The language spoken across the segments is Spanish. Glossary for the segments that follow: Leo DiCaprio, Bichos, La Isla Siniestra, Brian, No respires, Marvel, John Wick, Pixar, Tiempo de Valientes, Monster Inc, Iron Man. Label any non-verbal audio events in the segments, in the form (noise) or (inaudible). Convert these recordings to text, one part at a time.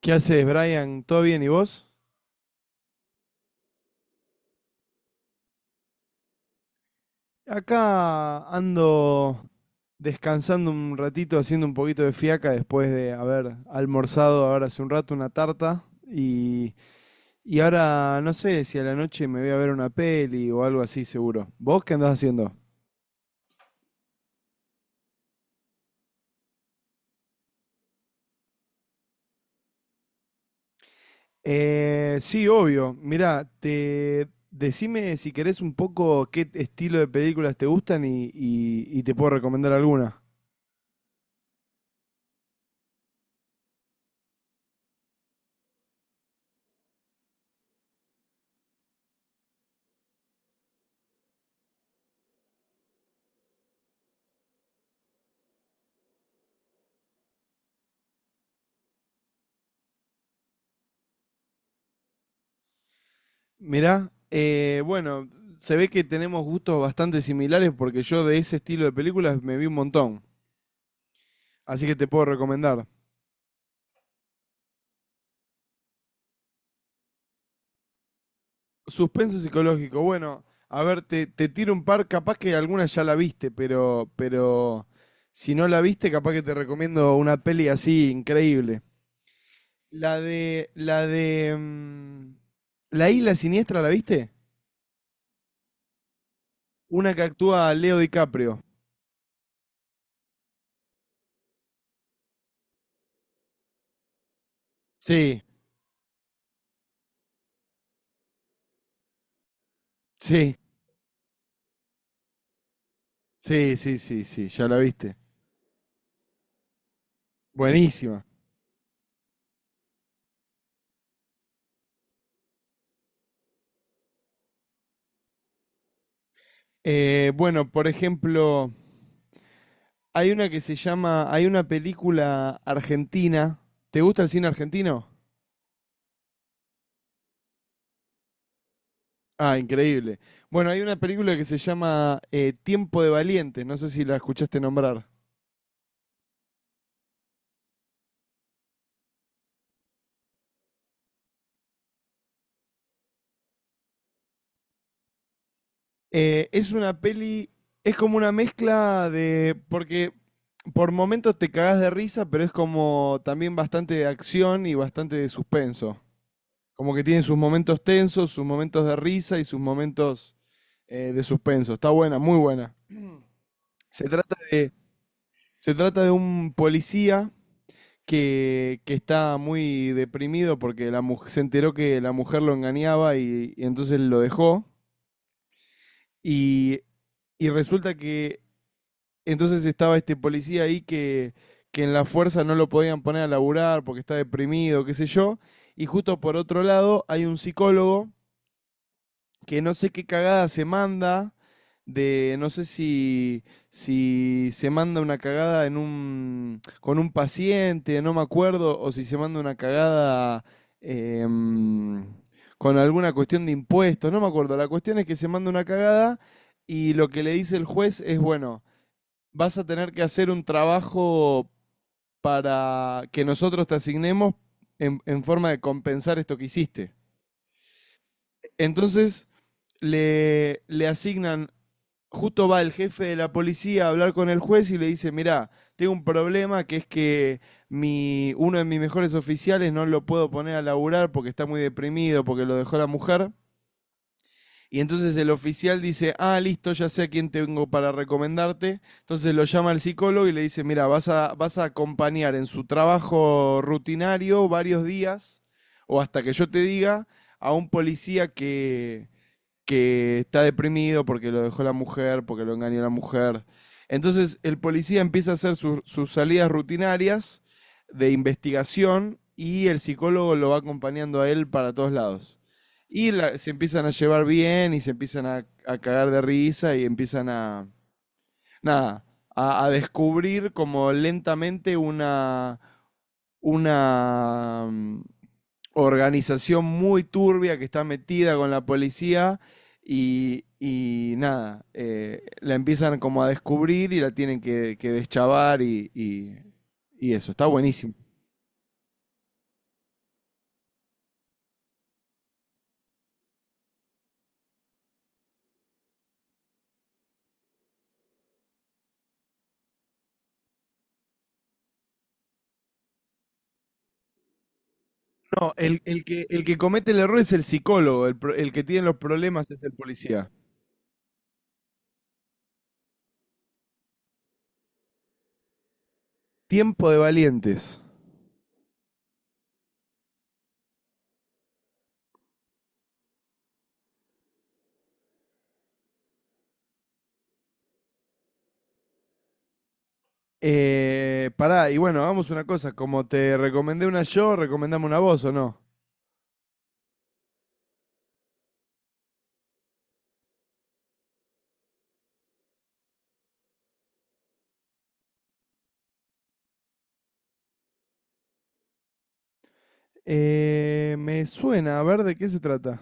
¿Qué haces, Brian? ¿Todo bien? ¿Y vos? Acá ando descansando un ratito, haciendo un poquito de fiaca después de haber almorzado ahora hace un rato una tarta. Y ahora no sé si a la noche me voy a ver una peli o algo así, seguro. ¿Vos qué andás haciendo? Sí, obvio. Mirá, te decime si querés un poco qué estilo de películas te gustan y te puedo recomendar alguna. Mirá, bueno, se ve que tenemos gustos bastante similares porque yo de ese estilo de películas me vi un montón. Así que te puedo recomendar. Suspenso psicológico. Bueno, a ver, te tiro un par. Capaz que alguna ya la viste, pero si no la viste, capaz que te recomiendo una peli así increíble. La de, la de, mm, La Isla Siniestra, ¿la viste? Una que actúa Leo DiCaprio. Sí, sí, sí, ya la viste. Buenísima. Bueno, por ejemplo, hay una que se llama, hay una película argentina. ¿Te gusta el cine argentino? Ah, increíble. Bueno, hay una película que se llama Tiempo de Valientes, no sé si la escuchaste nombrar. Eh, es una peli, es como una mezcla de, porque por momentos te cagás de risa, pero es como también bastante de acción y bastante de suspenso. Como que tiene sus momentos tensos, sus momentos de risa y sus momentos de suspenso. Está buena, muy buena. (clears throat) Se trata de, Se trata de un policía que está muy deprimido porque la mu- se enteró que la mujer lo engañaba y entonces lo dejó. Y, y resulta que entonces estaba este policía ahí que en la fuerza no lo podían poner a laburar porque está deprimido, qué sé yo. Y justo por otro lado hay un psicólogo que no sé qué cagada se manda, de no sé si, si se manda una cagada en un, con un paciente, no me acuerdo, o si se manda una cagada em, con alguna cuestión de impuestos, no me acuerdo. La cuestión es que se manda una cagada y lo que le dice el juez es, bueno, vas a tener que hacer un trabajo para que nosotros te asignemos en forma de compensar esto que hiciste. Entonces le asignan, justo va el jefe de la policía a hablar con el juez y le dice, mirá, tengo un problema que es que uno de mis mejores oficiales no lo puedo poner a laburar porque está muy deprimido, porque lo dejó la mujer. Y entonces el oficial dice, ah, listo, ya sé a quién tengo para recomendarte. Entonces lo llama al psicólogo y le dice, mira, vas a acompañar en su trabajo rutinario varios días o hasta que yo te diga a un policía que está deprimido porque lo dejó la mujer, porque lo engañó la mujer. Entonces el policía empieza a hacer sus salidas rutinarias de investigación y el psicólogo lo va acompañando a él para todos lados. Se empiezan a llevar bien y se empiezan a cagar de risa y empiezan a, nada, a descubrir como lentamente una mm, organización muy turbia que está metida con la policía y nada, la empiezan como a descubrir y la tienen que deschavar y eso, está buenísimo. No, el que comete el error es el psicólogo, el que tiene los problemas es el policía. Tiempo de valientes. Pará, y bueno, hagamos una cosa, como te recomendé una yo, recomendame una vos o no. Me suena, a ver de qué se trata.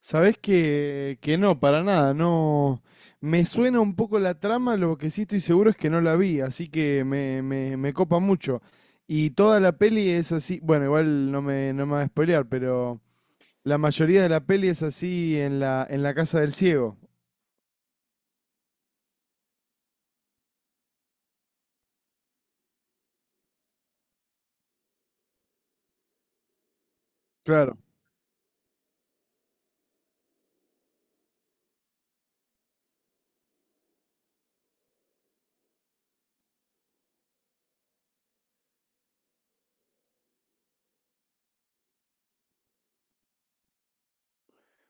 Sabés que no, para nada, no. Me suena un poco la trama, lo que sí estoy seguro es que no la vi, así que me copa mucho. Y toda la peli es así, bueno, igual no me, no me va a spoilear, pero la mayoría de la peli es así en la casa del ciego, claro.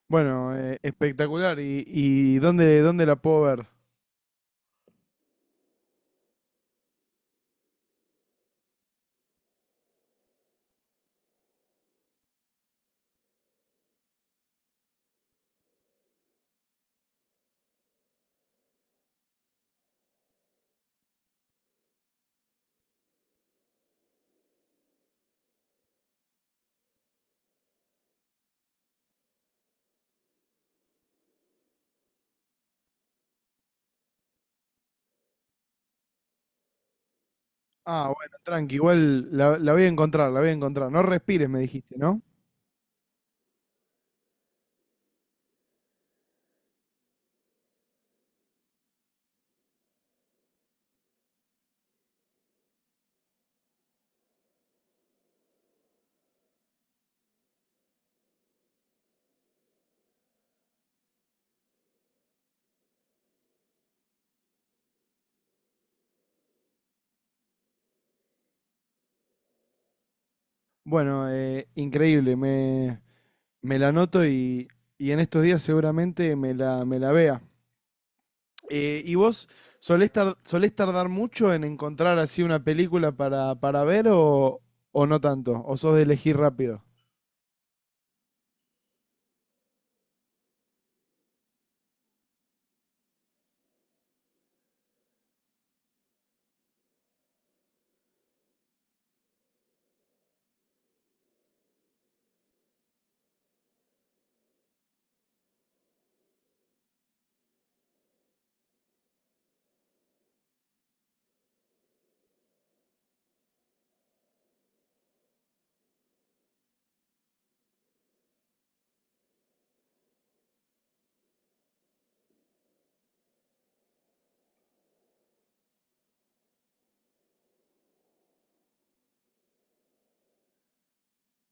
Bueno, espectacular. Y dónde, dónde la puedo ver? Ah, bueno, tranqui, la voy a encontrar, la voy a encontrar. No respires, me dijiste, ¿no? Bueno, increíble, me la anoto y en estos días seguramente me la vea. ¿Y vos solés tardar mucho en encontrar así una película para ver o no tanto? ¿O sos de elegir rápido?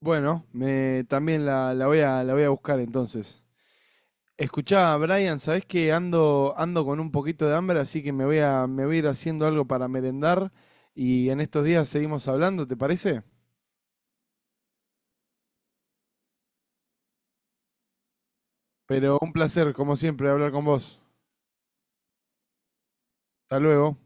Bueno, la voy a buscar entonces. Escuchá, Brian, sabés que ando, ando con un poquito de hambre, así que me voy a ir haciendo algo para merendar y en estos días seguimos hablando, ¿te parece? Pero un placer, como siempre, hablar con vos. Hasta luego.